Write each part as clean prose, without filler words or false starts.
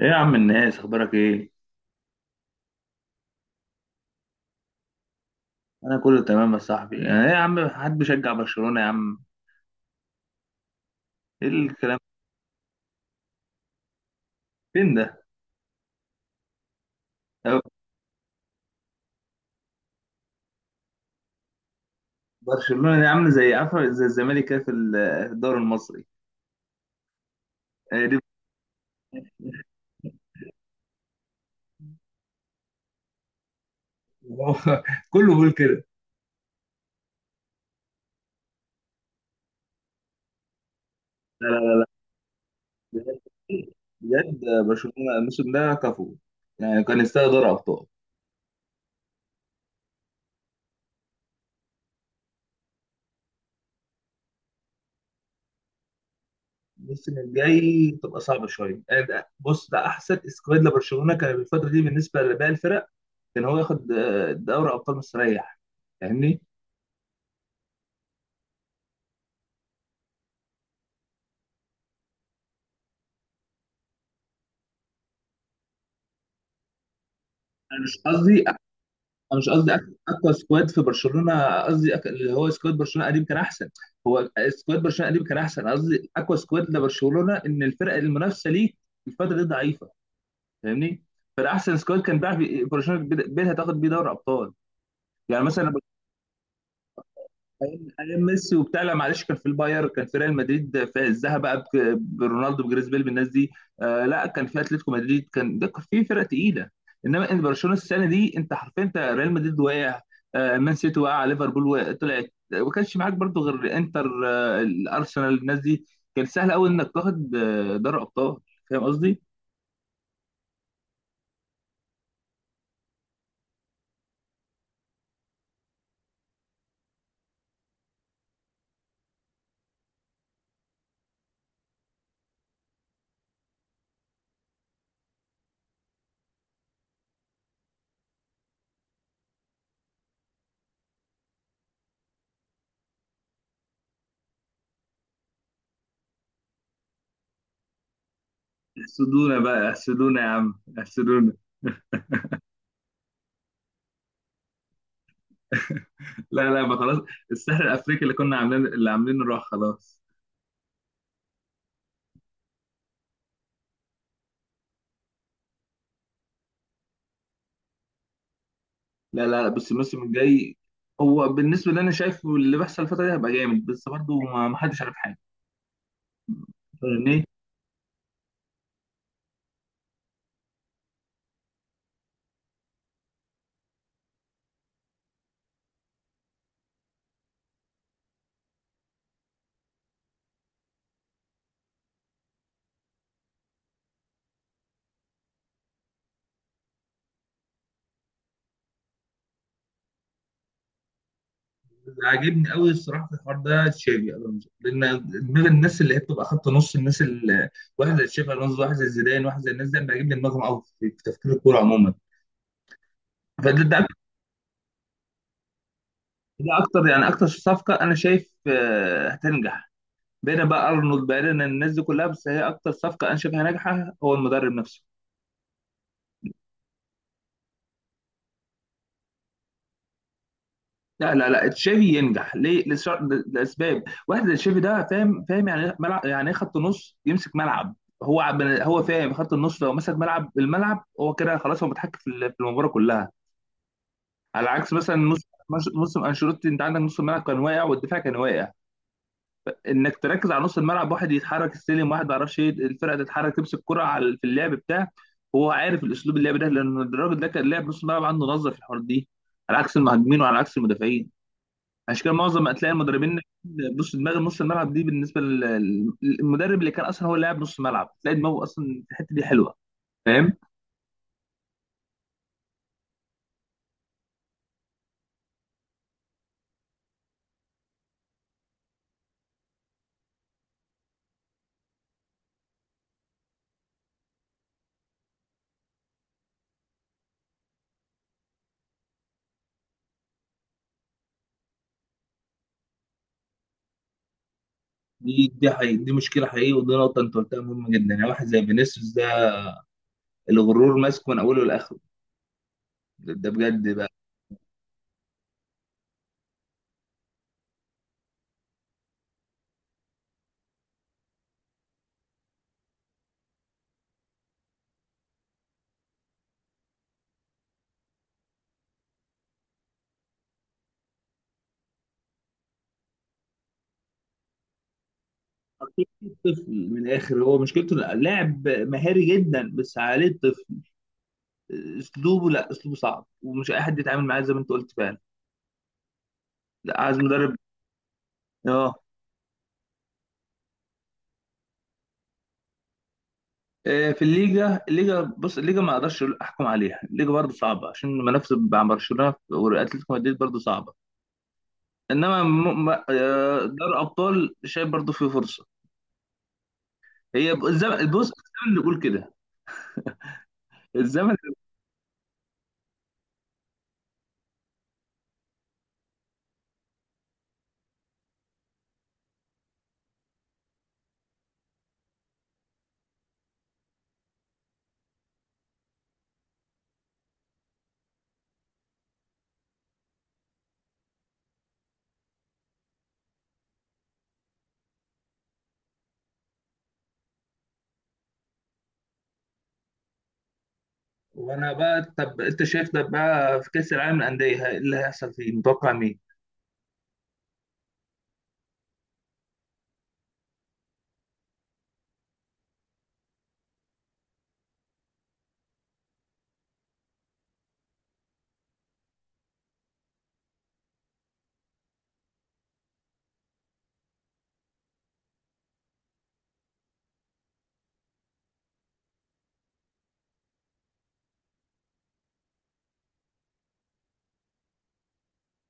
ايه يا عم، الناس، اخبارك ايه؟ انا كله تمام يا صاحبي. يعني ايه يا عم، حد بيشجع برشلونة يا عم؟ ايه الكلام؟ فين ده؟ أو برشلونة دي عامله زي، عارفه، زي الزمالك كده في في الدوري المصري. هي دي. كله بيقول كده. لا، لا، بجد بجد، برشلونة الموسم ده كفو، يعني كان يستاهل دوري ابطال. الموسم الجاي تبقى صعبة شوية. يعني بص، ده أحسن اسكواد لبرشلونة كان الفترة دي بالنسبة لباقي الفرق. كان هو ياخد دوري أبطال مستريح. فاهمني؟ انا مش قصدي، انا مش قصدي اقوى سكواد في برشلونه، قصدي اللي هو سكواد برشلونه قديم كان احسن. هو سكواد برشلونه قديم كان احسن، قصدي اقوى سكواد لبرشلونه ان الفرق المنافسه ليه الفتره دي ضعيفه. فاهمني؟ فالاحسن سكواد كان بيلعب برشلونه بيتها تاخد بيه دوري ابطال. يعني مثلا أيام ميسي وبتاع. لا معلش، كان في الباير، كان في ريال مدريد في عزها بقى، برونالدو، بجريزبيل، بالناس دي. آه لا، كان في اتلتيكو مدريد، كان ده كان في فرق تقيله. انما برشلونه السنه دي انت حرفيا، انت ريال مدريد وقع، آه مان سيتي وقع، ليفربول وقع طلعت، ما كانش معاك برضو غير انتر، آه الارسنال، الناس دي، كان سهل قوي انك تاخد آه دوري ابطال. فاهم قصدي؟ احسدونا بقى، احسدونا يا عم، احسدونا. لا لا بقى خلاص، السحر الافريقي اللي كنا عاملين، اللي عاملينه راح خلاص. لا لا لا، بص الموسم الجاي، هو بالنسبه اللي انا شايفه، اللي بيحصل الفتره دي هيبقى جامد، بس برضه ما حدش عارف حاجه. فاهم ايه؟ اللي عاجبني قوي الصراحه في الحوار ده تشافي الونزو، لان دماغ الناس اللي هي بتبقى خط نص، الناس اللي واحد زي تشافي الونزو، واحد زي زيدان، واحد زي الناس دي، أنا بيعجبني دماغهم قوي في تفكير الكوره عموما. فده ده, ده اكتر، يعني اكتر صفقه انا شايف هتنجح. بعيدا بقى ارنولد، بعيدا عن الناس دي كلها، بس هي اكتر صفقه انا شايفها ناجحه هو المدرب نفسه. لا لا لا، تشافي ينجح ليه؟ لاسباب، واحد زي تشافي ده فاهم، يعني ملعب، يعني إيه، خط نص يمسك ملعب. هو فاهم خط النص، لو مسك ملعب الملعب هو كده خلاص، هو متحكم في في المباراه كلها، على عكس مثلا نص، نص انشيلوتي. انت عندك نص الملعب كان واقع والدفاع كان واقع، انك تركز على نص الملعب، واحد يتحرك السلم، واحد ما يعرفش ايه الفرقه، تتحرك تمسك كرة على في اللعب بتاع. هو عارف الاسلوب اللعب ده لان الراجل ده كان لاعب نص الملعب، عنده نظره في الحوار دي، على عكس المهاجمين وعلى عكس المدافعين. عشان كده معظم هتلاقي المدربين، بص دماغ نص الملعب دي بالنسبه للمدرب اللي كان اصلا هو اللاعب نص الملعب، تلاقي دماغه اصلا في الحته دي حلوه. فاهم؟ دي حقيقة، دي مشكلة حقيقية، ودي نقطة أنت قلتها مهمة جدا. يعني واحد زي فينيسيوس ده، الغرور ماسكه من أوله لآخره. ده بجد بقى، طفل من الآخر. هو مشكلته إنه لاعب مهاري جدا، بس عليه طفل. أسلوبه، لا، أسلوبه صعب، ومش أي حد يتعامل معاه زي ما أنت قلت فعلا. لا، عايز مدرب. آه في الليجا، بص الليجا ما اقدرش احكم عليها، الليجا برضه صعبه عشان المنافسه مع برشلونه واتلتيكو مدريد برضه صعبه. انما دوري ابطال شايف برضه فيه فرصه، هي الزمن، بص الزمن اللي بيقول كده. الزمن. وانا بقى، طب انت شايف ده بقى في كاس العالم للانديه اللي هيحصل فيه، متوقع مين؟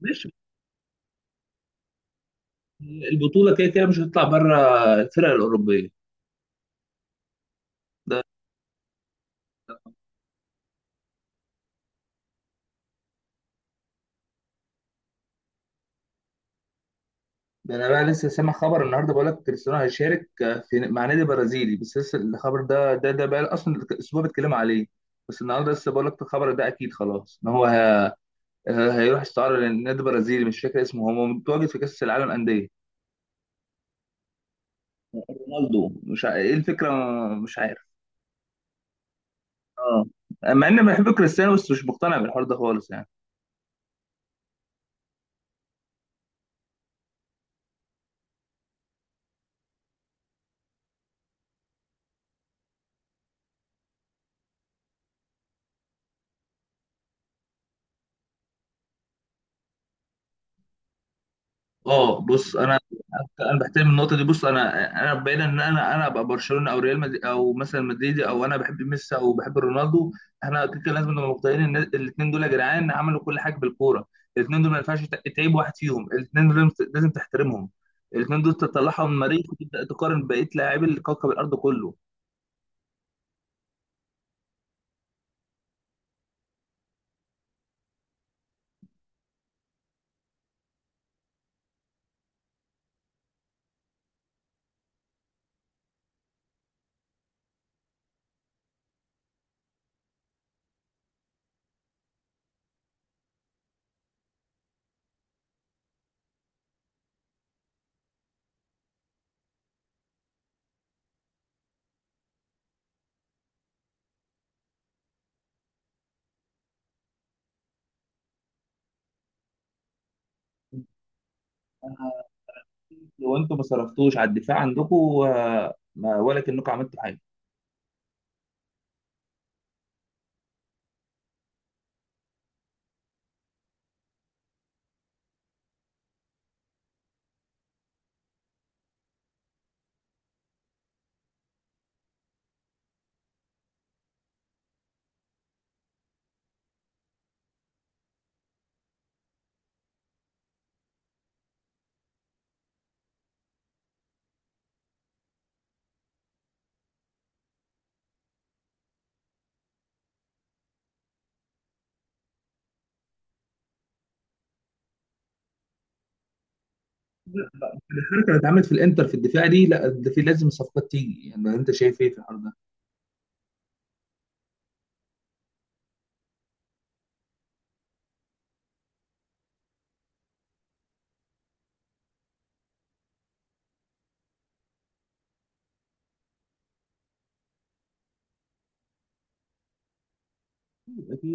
ماشي. البطوله كده كده مش هتطلع بره الفرق الاوروبيه. ده ده انا بقى لسه سامع خبر النهارده، بقول لك كريستيانو هيشارك في، مع نادي برازيلي، بس لسه الخبر ده، بقى اصلا الاسبوع بيتكلم عليه. بس النهارده لسه بقول لك الخبر ده اكيد خلاص ان هو هيروح استعاره للنادي برازيلي، مش فاكر اسمه، هو متواجد في كاس العالم انديه. رونالدو، مش ع- ايه الفكره، مش عارف. اه، مع اني بحب كريستيانو بس مش مقتنع بالحوار ده خالص يعني. اه بص انا، انا بحترم النقطه دي. بص انا، انا بين ان انا ابقى برشلونه او ريال مدريد، او مثلا مدريدي، او انا بحب ميسي او بحب رونالدو، احنا كده كده لازم نبقى مقتنعين ان الاثنين دول يا جدعان عملوا كل حاجه بالكوره. الاثنين دول ما ينفعش تعيب واحد فيهم، الاثنين دول لازم لازم تحترمهم. الاثنين دول تطلعهم من المريخ وتبدا تقارن بقيه لاعبي الكوكب الارض كله. لو انتم ما صرفتوش على الدفاع عندكم ولا كأنكم عملتوا حاجه. الحركه اللي اتعملت في الانتر في الدفاع دي، لا ده في لازم صفقات تيجي. يعني انت شايف ايه في الحوار ده؟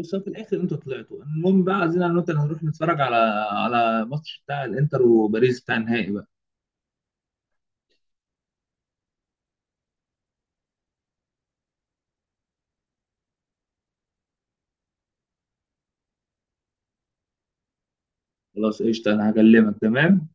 بس في الاخر انتوا طلعتوا المهم بقى، عايزين انا وانت هنروح نتفرج على، على ماتش بتاع الانتر وباريس بتاع النهائي بقى. خلاص قشطه، انا هكلمك، تمام؟